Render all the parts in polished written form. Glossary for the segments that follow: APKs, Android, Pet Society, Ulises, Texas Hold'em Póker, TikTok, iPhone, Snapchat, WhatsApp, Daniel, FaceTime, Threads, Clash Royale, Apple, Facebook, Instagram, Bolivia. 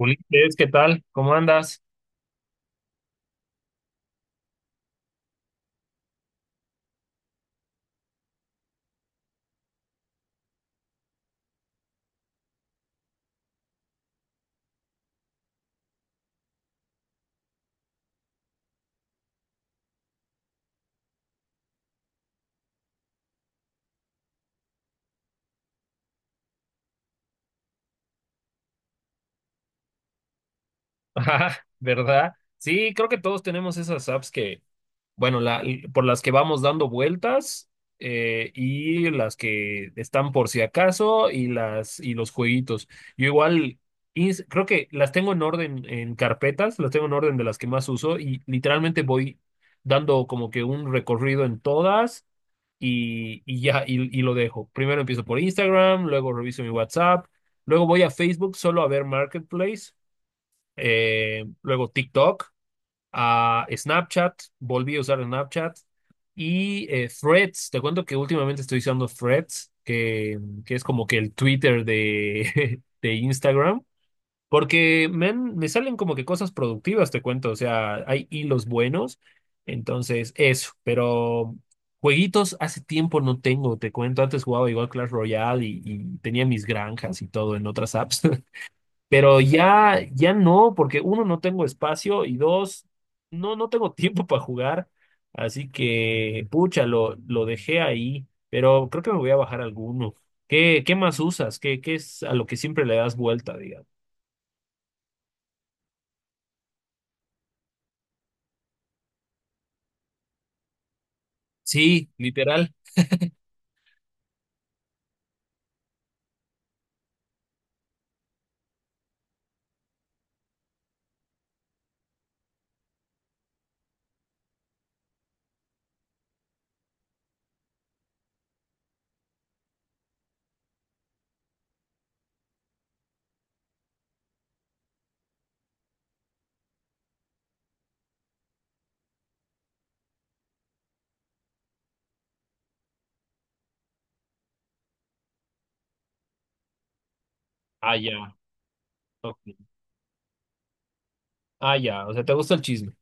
Ulises, ¿qué tal? ¿Cómo andas? Ajá, ¿verdad? Sí, creo que todos tenemos esas apps bueno, la, por las que vamos dando vueltas y las que están por si acaso y las y los jueguitos. Yo igual creo que las tengo en orden en carpetas, las tengo en orden de las que más uso y literalmente voy dando como que un recorrido en todas y lo dejo. Primero empiezo por Instagram, luego reviso mi WhatsApp, luego voy a Facebook solo a ver Marketplace, luego TikTok, a Snapchat, volví a usar Snapchat y Threads. Te cuento que últimamente estoy usando Threads, que es como que el Twitter de, de Instagram. Porque men, me salen como que cosas productivas, te cuento. O sea, hay hilos buenos. Entonces, eso. Pero jueguitos hace tiempo no tengo, te cuento. Antes jugaba igual Clash Royale y tenía mis granjas y todo en otras apps. Pero ya no, porque uno, no tengo espacio y dos, no tengo tiempo para jugar. Así que, pucha, lo dejé ahí. Pero creo que me voy a bajar alguno. ¿Qué más usas? ¿Qué es a lo que siempre le das vuelta, digamos? Sí, literal. Ah, ya. Ok. Ah, ya. O sea, te gusta el chisme.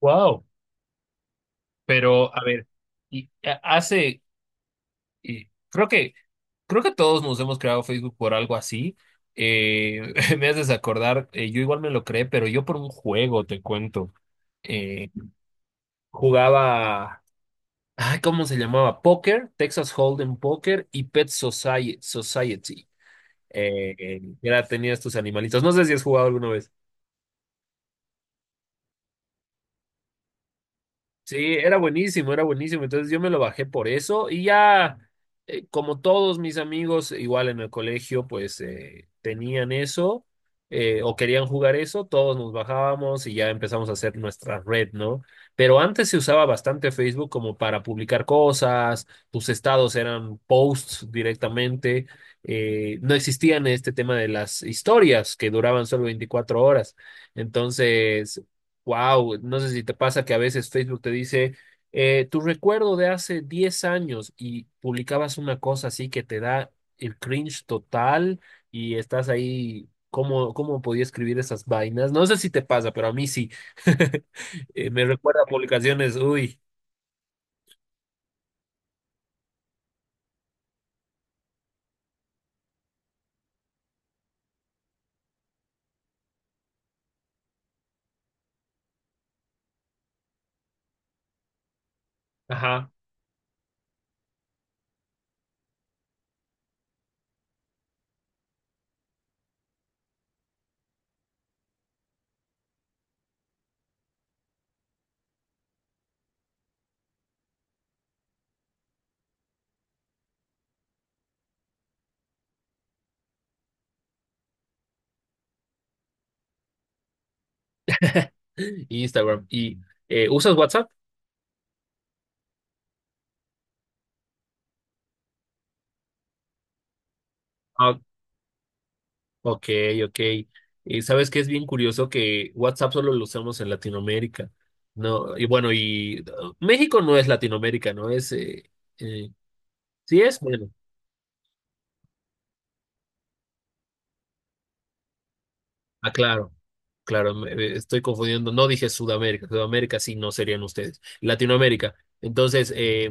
Wow. Pero, a ver, y hace, y creo que todos nos hemos creado Facebook por algo así. Me haces acordar, yo igual me lo creé, pero yo por un juego, te cuento. Eh, jugaba, ay, ¿cómo se llamaba? Póker, Texas Hold'em Póker y Pet Society. Society. Tenía estos animalitos. No sé si has jugado alguna vez. Sí, era buenísimo, era buenísimo. Entonces yo me lo bajé por eso y ya, como todos mis amigos, igual en el colegio, pues tenían eso o querían jugar eso, todos nos bajábamos y ya empezamos a hacer nuestra red, ¿no? Pero antes se usaba bastante Facebook como para publicar cosas, tus estados eran posts directamente, no existían este tema de las historias que duraban solo 24 horas. Entonces... Wow, no sé si te pasa que a veces Facebook te dice, tu recuerdo de hace 10 años y publicabas una cosa así que te da el cringe total y estás ahí, ¿cómo podía escribir esas vainas? No sé si te pasa, pero a mí sí. Me recuerda a publicaciones, uy, ajá, Instagram. ¿Y usas WhatsApp? Ok, ok. Y sabes que es bien curioso que WhatsApp solo lo usamos en Latinoamérica. No, y bueno, y México no es Latinoamérica, ¿no? Eh, sí es, bueno. Ah, claro, claro, me estoy confundiendo. No dije Sudamérica, Sudamérica sí no serían ustedes. Latinoamérica. Entonces,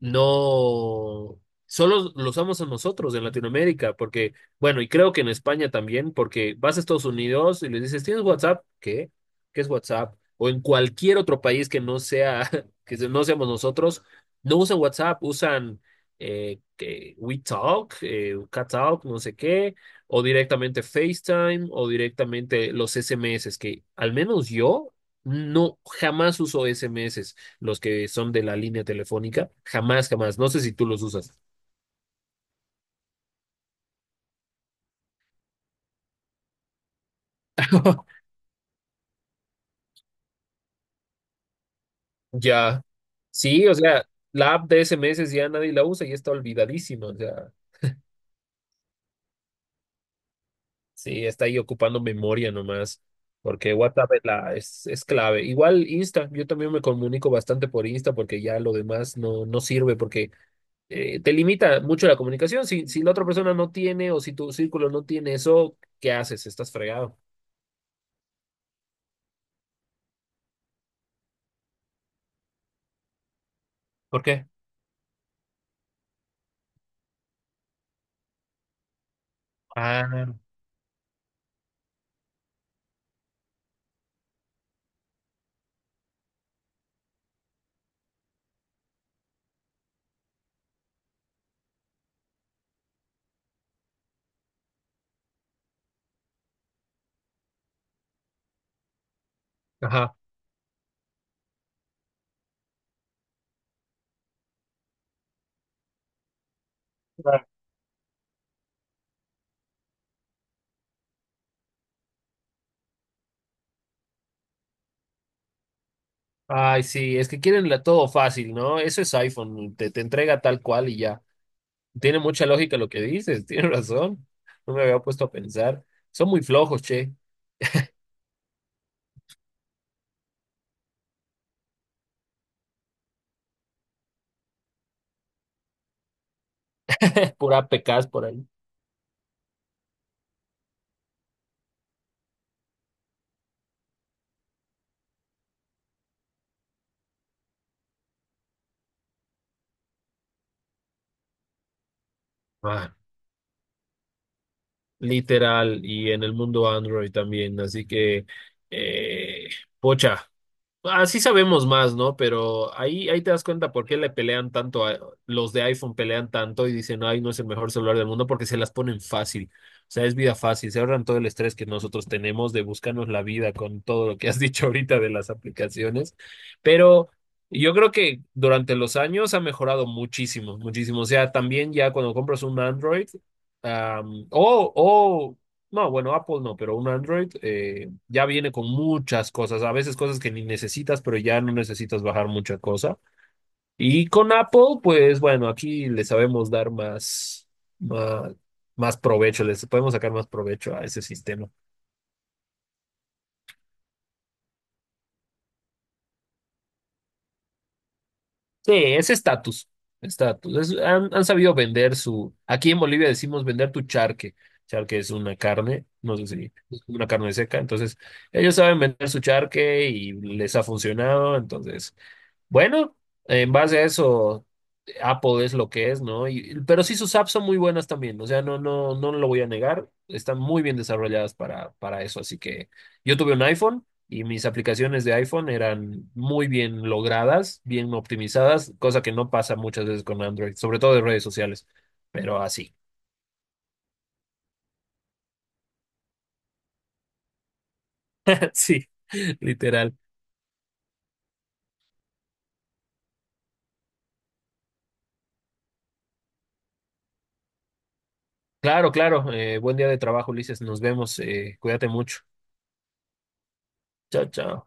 no, solo lo usamos a nosotros en Latinoamérica, porque, bueno, y creo que en España también, porque vas a Estados Unidos y les dices, ¿tienes WhatsApp? ¿Qué? ¿Qué es WhatsApp? O en cualquier otro país que no sea, que no seamos nosotros, no usan WhatsApp, usan que WeTalk, CatTalk, no sé qué, o directamente FaceTime o directamente los SMS, que al menos yo no jamás uso SMS, los que son de la línea telefónica, jamás, jamás. No sé si tú los usas. Ya. Sí, o sea, la app de SMS ya nadie la usa y está olvidadísima. O sea, sí, está ahí ocupando memoria nomás. Porque WhatsApp es clave. Igual Insta, yo también me comunico bastante por Insta porque ya lo demás no sirve porque te limita mucho la comunicación. Si la otra persona no tiene o si tu círculo no tiene eso, ¿qué haces? Estás fregado. ¿Por qué? Ah, ajá. Claro. Ay, sí, es que quieren todo fácil, ¿no? Eso es iPhone, te entrega tal cual y ya. Tiene mucha lógica lo que dices, tienes razón. No me había puesto a pensar. Son muy flojos, che. Pura APKs por ahí. Ah, literal, y en el mundo Android también. Así que, eh, pocha. Así sabemos más, ¿no? Pero ahí, ahí te das cuenta por qué le pelean tanto a los de iPhone pelean tanto y dicen, ay, no es el mejor celular del mundo porque se las ponen fácil. O sea, es vida fácil, se ahorran todo el estrés que nosotros tenemos de buscarnos la vida con todo lo que has dicho ahorita de las aplicaciones. Pero yo creo que durante los años ha mejorado muchísimo, muchísimo. O sea, también ya cuando compras un Android, am, o no, bueno, Apple no, pero un Android ya viene con muchas cosas, a veces cosas que ni necesitas, pero ya no necesitas bajar mucha cosa. Y con Apple, pues bueno, aquí le sabemos dar más, más provecho, les podemos sacar más provecho a ese sistema. Sí, es estatus. Han sabido vender su, aquí en Bolivia decimos vender tu charque. Charque es una carne, no sé si es una carne seca, entonces ellos saben vender su charque y les ha funcionado, entonces... Bueno, en base a eso, Apple es lo que es, ¿no? Y- pero sí sus apps son muy buenas también, o sea, no lo voy a negar, están muy bien desarrolladas para eso, así que yo tuve un iPhone y mis aplicaciones de iPhone eran muy bien logradas, bien optimizadas, cosa que no pasa muchas veces con Android, sobre todo de redes sociales, pero así, sí, literal. Claro, claro, buen día de trabajo, Ulises, nos vemos, cuídate mucho. Chao, chao.